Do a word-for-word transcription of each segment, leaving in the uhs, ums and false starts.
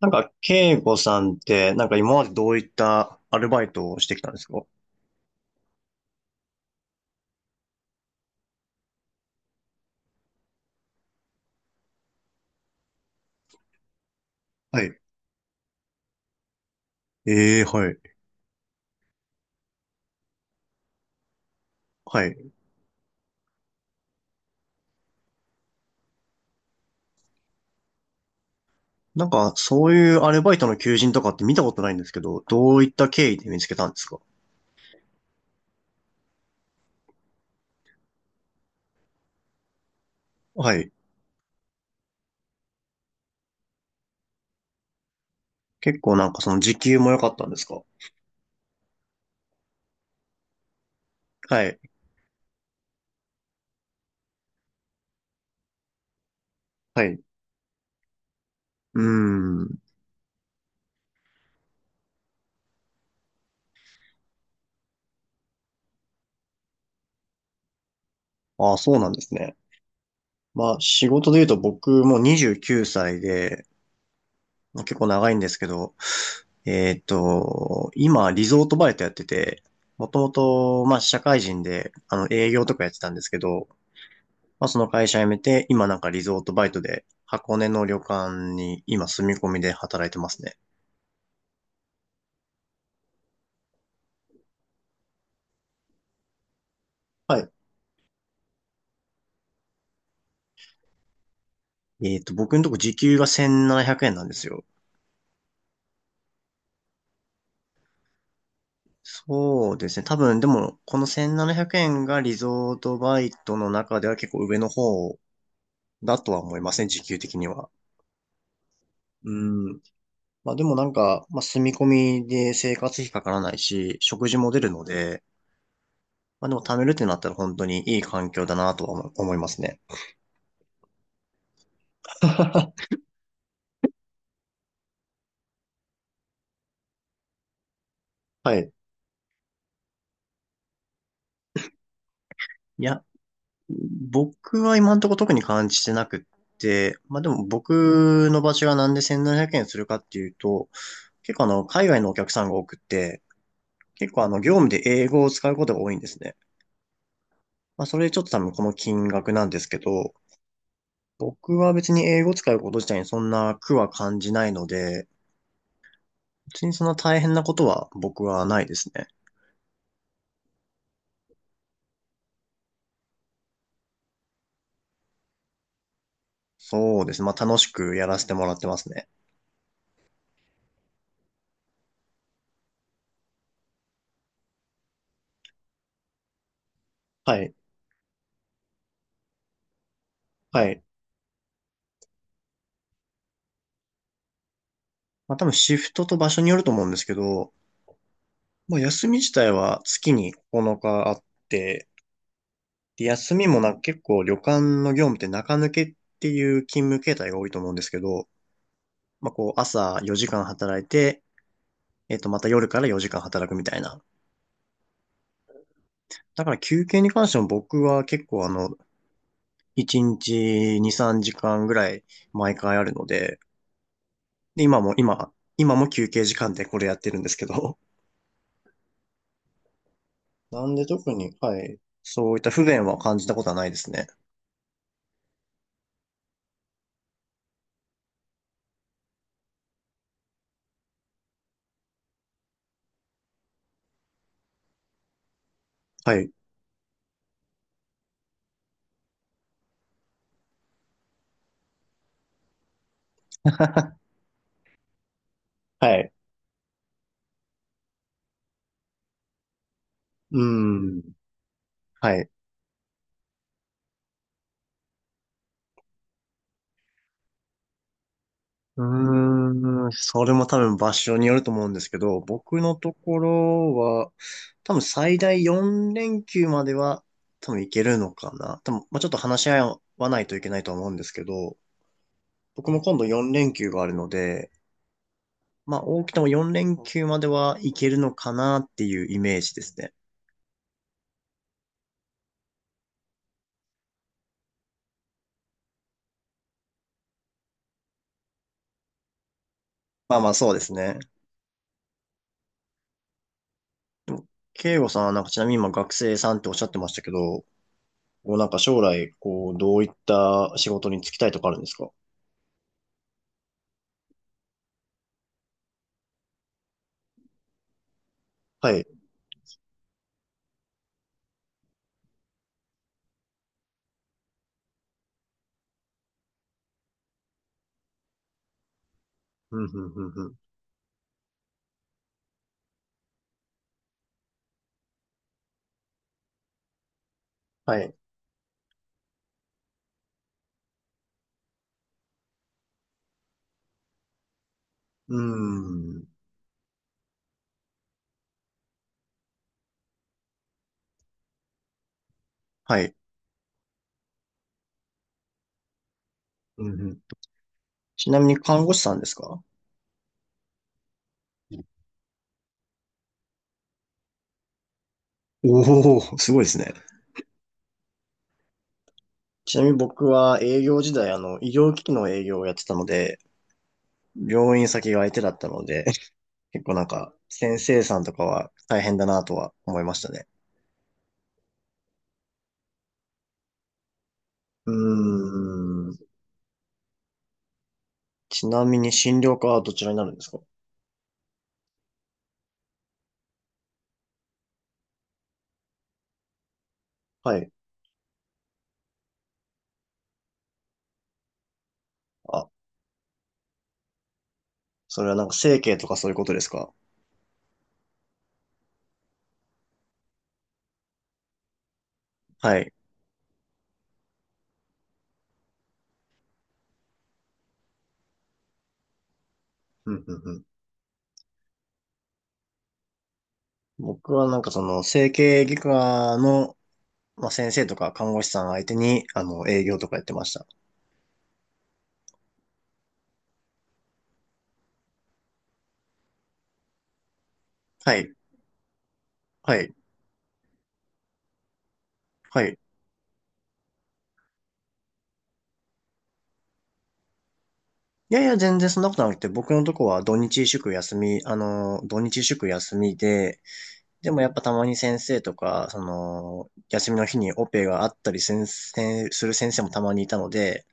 なんか、慶吾さんって、なんか今までどういったアルバイトをしてきたんですか？はい。ええ、はい。はい。なんか、そういうアルバイトの求人とかって見たことないんですけど、どういった経緯で見つけたんですか？はい。結構なんかその時給も良かったんですか？はい。はい。うーん。ああ、そうなんですね。まあ、仕事で言うと僕もうにじゅうきゅうさいで、結構長いんですけど、えーっと、今、リゾートバイトやってて、もともと、まあ、社会人で、あの、営業とかやってたんですけど、まあ、その会社辞めて、今なんかリゾートバイトで、箱根の旅館に今住み込みで働いてますね。はい。えーっと、僕のとこ時給がせんななひゃくえんななひゃくえんなんですよ。そうですね。多分、でも、このせんななひゃくえんがリゾートバイトの中では結構上の方だとは思いますね、時給的には。うん。まあでもなんか、まあ住み込みで生活費かからないし、食事も出るので、まあでも貯めるってなったら本当にいい環境だなとは思思いますね。はい。いや、僕は今のところ特に感じてなくって、まあでも僕の場所がなんでせんななひゃくえんするかっていうと、結構あの、海外のお客さんが多くって、結構あの、業務で英語を使うことが多いんですね。まあそれでちょっと多分この金額なんですけど、僕は別に英語を使うこと自体にそんな苦は感じないので、別にそんな大変なことは僕はないですね。そうですね。まあ楽しくやらせてもらってますね。はい。はい。まあ多分シフトと場所によると思うんですけど、まあ休み自体は月にここのかあって、で休みもなんか結構旅館の業務って中抜けっていう勤務形態が多いと思うんですけど、まあこう朝よじかん働いて、えっとまた夜からよじかん働くみたいな。だから休憩に関しても僕は結構あの、いちにちに、さんじかんぐらい毎回あるので、で、今も、今、今も休憩時間でこれやってるんですけど、なんで特に、はい。そういった不便は感じたことはないですね。はい。はい。うーん。はい。うーん、それも多分場所によると思うんですけど、僕のところは、多分最大よん連休までは多分いけるのかな。多分、まあ、ちょっと話し合わないといけないとは思うんですけど、僕も今度よん連休があるので、まあ、多くてもよん連休まではいけるのかなっていうイメージですね。まあまあ、そうですね。慶吾さんはなんかちなみに今学生さんっておっしゃってましたけど、こうなんか将来、こう、どういった仕事に就きたいとかあるんですか？はい。うん、うん、うん、うん。はい。うん。はい。うん、うん。ちなみに看護師さんですか？おおー、すごいですね。ちなみに僕は営業時代、あの、医療機器の営業をやってたので、病院先が相手だったので、結構なんか、先生さんとかは大変だなとは思いましたね。うーん。ちなみに診療科はどちらになるんですか？はい。あ、それはなんか整形とかそういうことですか？はい。うんうんうん。僕はなんかその整形外科の、まあ、先生とか看護師さん相手に、あの、営業とかやってました。はい。はい。はい。いやいや、全然そんなことなくて、僕のとこは土日祝休み、あの、土日祝休みで、でもやっぱたまに先生とか、その、休みの日にオペがあったり先生、する先生もたまにいたので、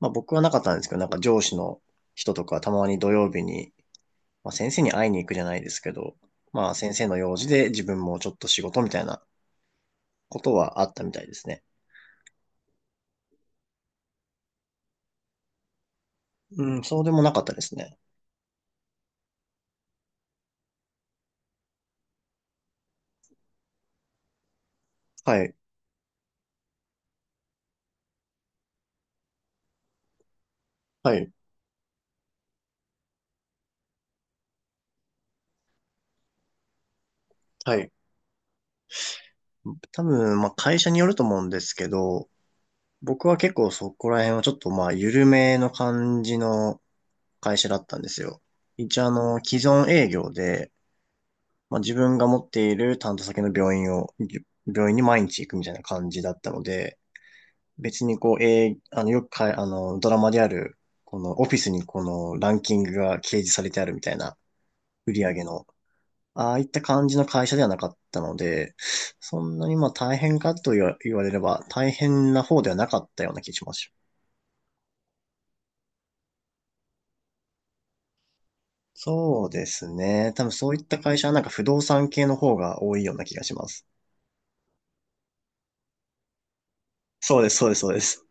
まあ僕はなかったんですけど、なんか上司の人とかたまに土曜日に、まあ先生に会いに行くじゃないですけど、まあ先生の用事で自分もちょっと仕事みたいなことはあったみたいですね。うん、そうでもなかったですね。はい、はい、はい。多分、まあ会社によると思うんですけど、僕は結構そこら辺はちょっとまあ緩めの感じの会社だったんですよ。一応あの、既存営業で、まあ、自分が持っている担当先の病院を、病院に毎日行くみたいな感じだったので、別にこう、えーあの、よくかい、あの、ドラマである、このオフィスにこのランキングが掲示されてあるみたいな売り上げの、ああいった感じの会社ではなかったので、そんなにまあ大変かと言わ言われれば大変な方ではなかったような気します。そうですね。多分そういった会社はなんか不動産系の方が多いような気がします。そうです、そうです、そうです。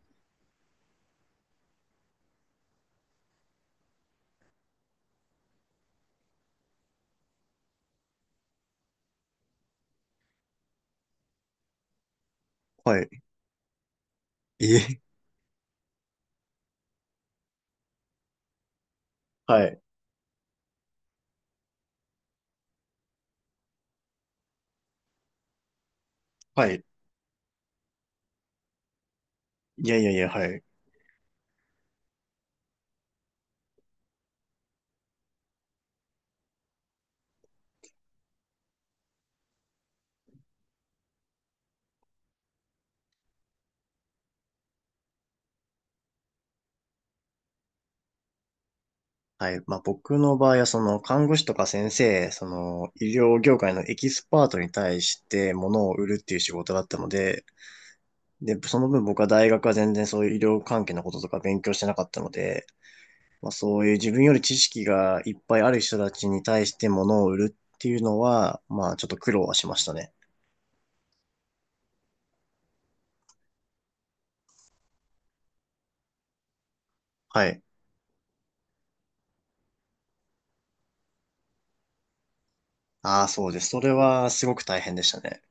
はい。えはい。はい。いやいやいや、はい。はい。まあ、僕の場合は、その、看護師とか先生、その、医療業界のエキスパートに対して物を売るっていう仕事だったので、で、その分僕は大学は全然そういう医療関係のこととか勉強してなかったので、まあ、そういう自分より知識がいっぱいある人たちに対して物を売るっていうのは、まあ、ちょっと苦労はしましたね。はい。ああ、そうです。それはすごく大変でしたね。